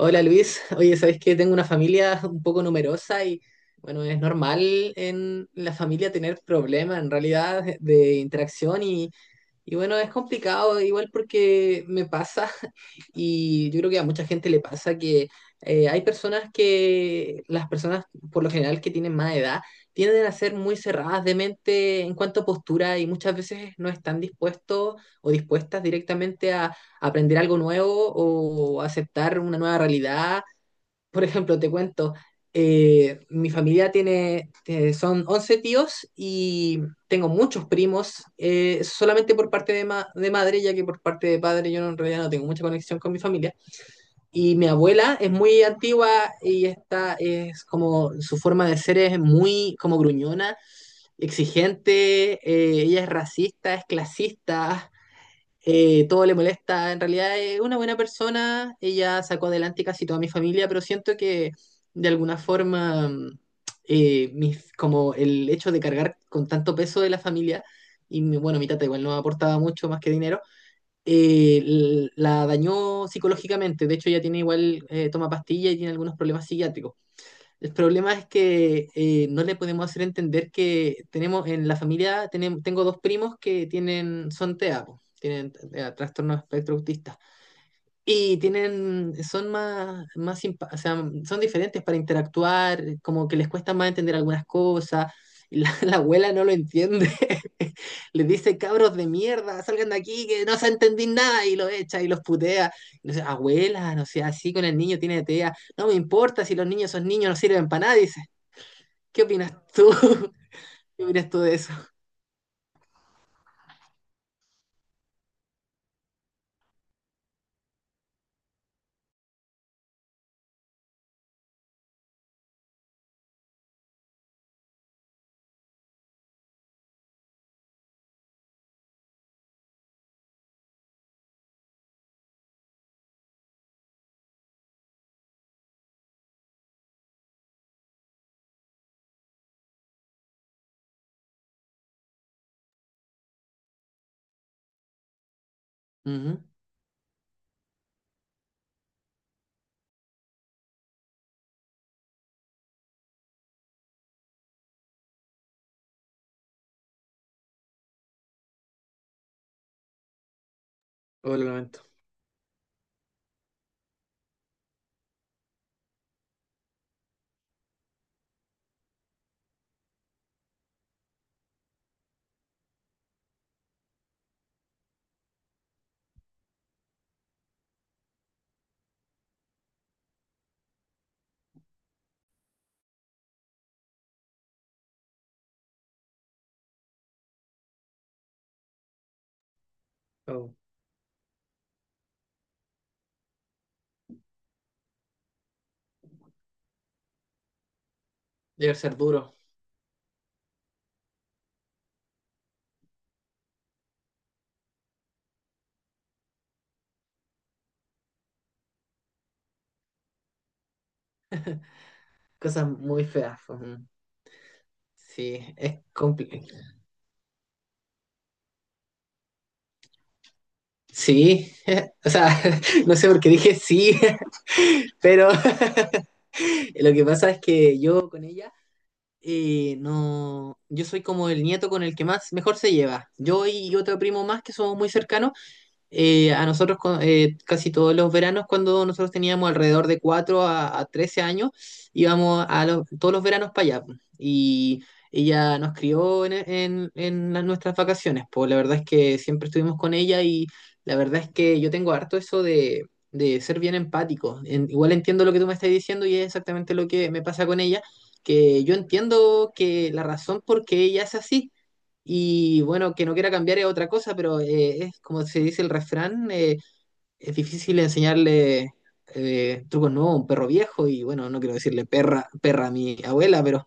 Hola Luis, oye, sabes que tengo una familia un poco numerosa y bueno, es normal en la familia tener problemas en realidad de interacción y bueno, es complicado igual porque me pasa y yo creo que a mucha gente le pasa que hay las personas por lo general que tienen más edad, tienden a ser muy cerradas de mente en cuanto a postura y muchas veces no están dispuestos o dispuestas directamente a aprender algo nuevo o aceptar una nueva realidad. Por ejemplo, te cuento, mi familia tiene, son 11 tíos y tengo muchos primos, solamente por parte de, de madre, ya que por parte de padre yo no- en realidad no tengo mucha conexión con mi familia. Y mi abuela es muy antigua y es como, su forma de ser es muy como gruñona, exigente, ella es racista, es clasista, todo le molesta. En realidad es una buena persona, ella sacó adelante casi toda mi familia, pero siento que de alguna forma, como el hecho de cargar con tanto peso de la familia, y bueno, mi tata igual no aportaba mucho más que dinero, la dañó psicológicamente. De hecho, ella tiene igual, toma pastilla y tiene algunos problemas psiquiátricos. El problema es que no le podemos hacer entender que tenemos en la familia, tengo dos primos que tienen, son TEA, po, tienen trastorno de espectro autista. Y tienen, son o sea, son diferentes para interactuar, como que les cuesta más entender algunas cosas. Y la abuela no lo entiende. Les dice, cabros de mierda, salgan de aquí, que no se entendí nada, y lo echa y los putea. Y no sé, abuela, no sea así con el niño tiene TEA. No me importa si los niños son niños, no sirven para nada, dice. ¿Qué opinas tú? ¿Qué opinas tú de eso? Ujú. Oh, lo lamento. Oh. Debe ser duro. Cosas muy feas, ujú. Sí, es complicado. Sí, o sea, no sé por qué dije sí, pero lo que pasa es que yo con ella, no, yo soy como el nieto con el que más mejor se lleva. Yo y otro primo más que somos muy cercanos, a casi todos los veranos, cuando nosotros teníamos alrededor de 4 a 13 años, íbamos a todos los veranos para allá. Y ella nos crió en nuestras vacaciones. Pues la verdad es que siempre estuvimos con ella y la verdad es que yo tengo harto eso de ser bien empático. Igual entiendo lo que tú me estás diciendo y es exactamente lo que me pasa con ella, que yo entiendo que la razón por qué ella es así y bueno, que no quiera cambiar es otra cosa, pero es como se dice el refrán, es difícil enseñarle trucos nuevos a un perro viejo y bueno, no quiero decirle perra a mi abuela, pero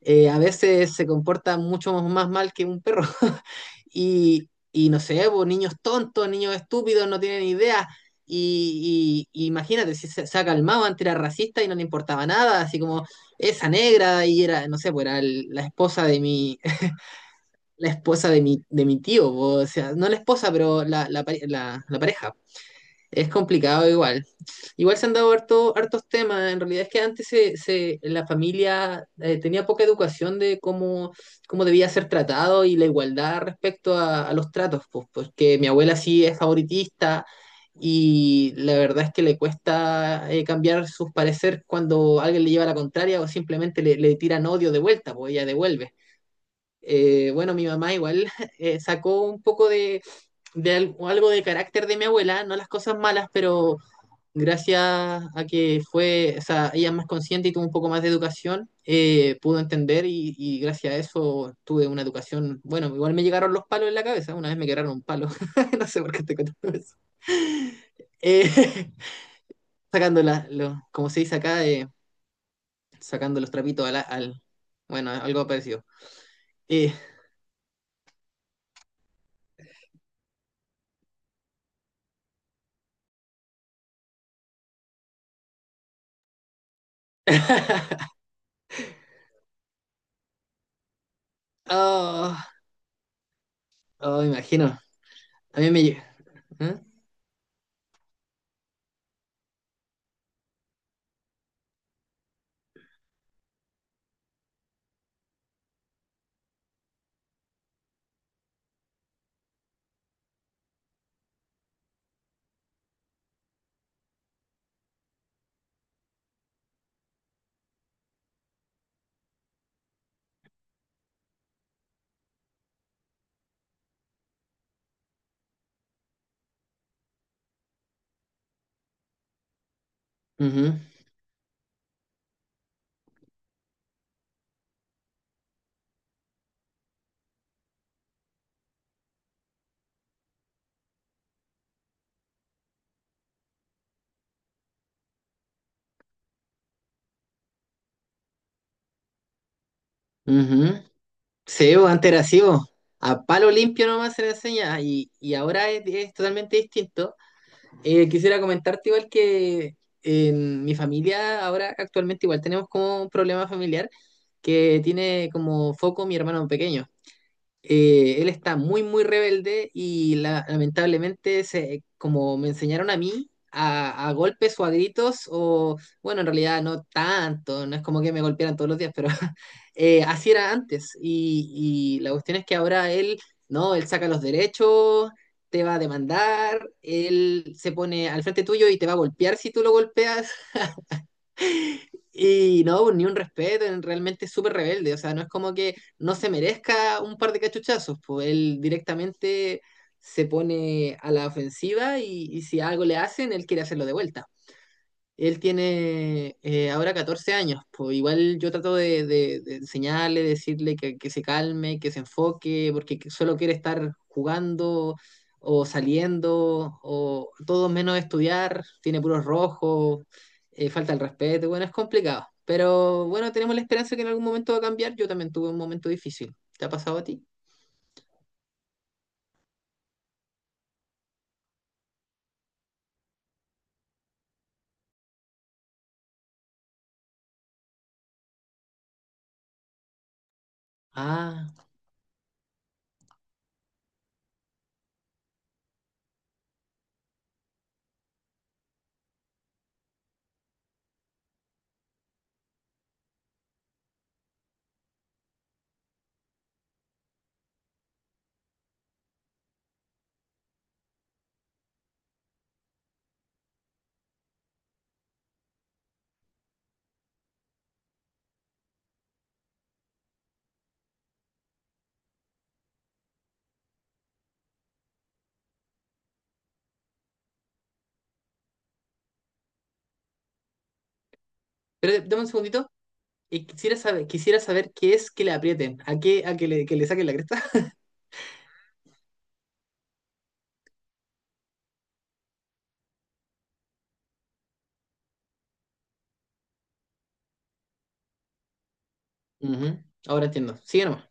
a veces se comporta mucho más mal que un perro. Y, y no sé, pues, niños tontos, niños estúpidos, no tienen idea. Y, imagínate, si se ha calmado, antes era racista y no le importaba nada, así como esa negra y era, no sé, pues era la esposa de mi, la esposa de mi tío, po, o sea, no la esposa, pero la pareja. Es complicado igual. Igual se han dado harto, hartos temas. En realidad es que antes la familia tenía poca educación de cómo, cómo debía ser tratado y la igualdad respecto a los tratos, pues, porque mi abuela sí es favoritista y la verdad es que le cuesta cambiar sus parecer cuando alguien le lleva la contraria o simplemente le, le tiran odio de vuelta, pues ella devuelve. Bueno, mi mamá igual sacó un poco de algo de carácter de mi abuela, no las cosas malas, pero gracias a que fue, o sea, ella es más consciente y tuvo un poco más de educación, pudo entender y gracias a eso tuve una educación, bueno, igual me llegaron los palos en la cabeza, una vez me quebraron un palo, no sé por qué te cuento eso. Eh, sacando como se dice acá, sacando los trapitos bueno, algo parecido. Eh, ah, oh, imagino. A mí me llega. ¿Eh? Ujú, ujú. Sí, bo, antes era así, bo. A palo limpio nomás se le enseña. Ah, y ahora es totalmente distinto. Quisiera comentarte igual que en mi familia ahora actualmente igual tenemos como un problema familiar que tiene como foco mi hermano pequeño. Él está muy, muy rebelde y lamentablemente, se, como me enseñaron a mí, a golpes o a gritos, o bueno, en realidad no tanto, no es como que me golpearan todos los días, pero así era antes. Y la cuestión es que ahora él, no, él saca los derechos, te va a demandar, él se pone al frente tuyo y te va a golpear si tú lo golpeas. Y no, pues, ni un respeto, realmente es súper rebelde, o sea, no es como que no se merezca un par de cachuchazos, pues él directamente se pone a la ofensiva y si algo le hacen, él quiere hacerlo de vuelta. Él tiene ahora 14 años, pues igual yo trato de, de enseñarle, decirle que se calme, que se enfoque, porque que solo quiere estar jugando o saliendo o todo menos estudiar, tiene puros rojos, falta el respeto, bueno, es complicado, pero bueno, tenemos la esperanza que en algún momento va a cambiar, yo también tuve un momento difícil, ¿te ha pasado a ti? Ah, pero dame un segundito, y quisiera saber qué es que le aprieten, a qué, a que le saquen la cresta. Ujú, ahora entiendo. Sigue nomás.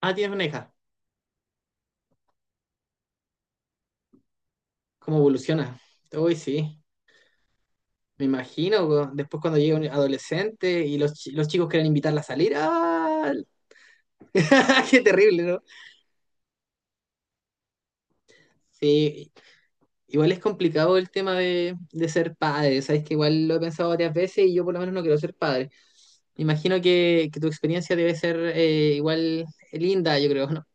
Ah, tienes una hija. ¿Cómo evoluciona? Uy, sí. Me imagino, weón. Después cuando llegue un adolescente y los, los chicos quieren invitarla a salir. ¡Ah! ¡Qué terrible! ¿No? Sí. Igual es complicado el tema de ser padre. Sabes que igual lo he pensado varias veces y yo por lo menos no quiero ser padre. Me imagino que tu experiencia debe ser igual linda, yo creo, ¿no?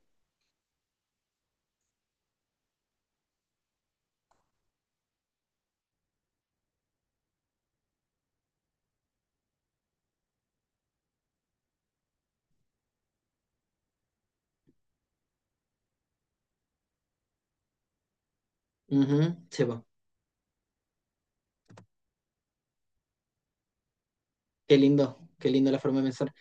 Ujú, sí, po. Qué lindo. Qué lindo la forma de pensar.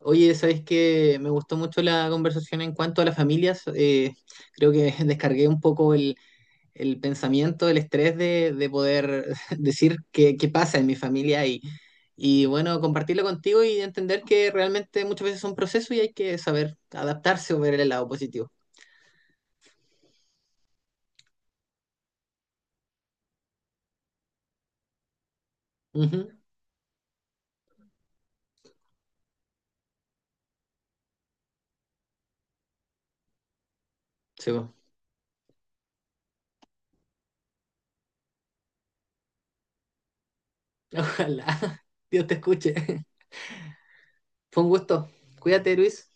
Oye, sabes que me gustó mucho la conversación en cuanto a las familias. Creo que descargué un poco el pensamiento, el estrés de poder decir qué, qué pasa en mi familia y bueno, compartirlo contigo y entender que realmente muchas veces es un proceso y hay que saber adaptarse o ver el lado positivo. Ujú, sí, po. Ojalá Dios te escuche. Fue un gusto. Cuídate, Luis.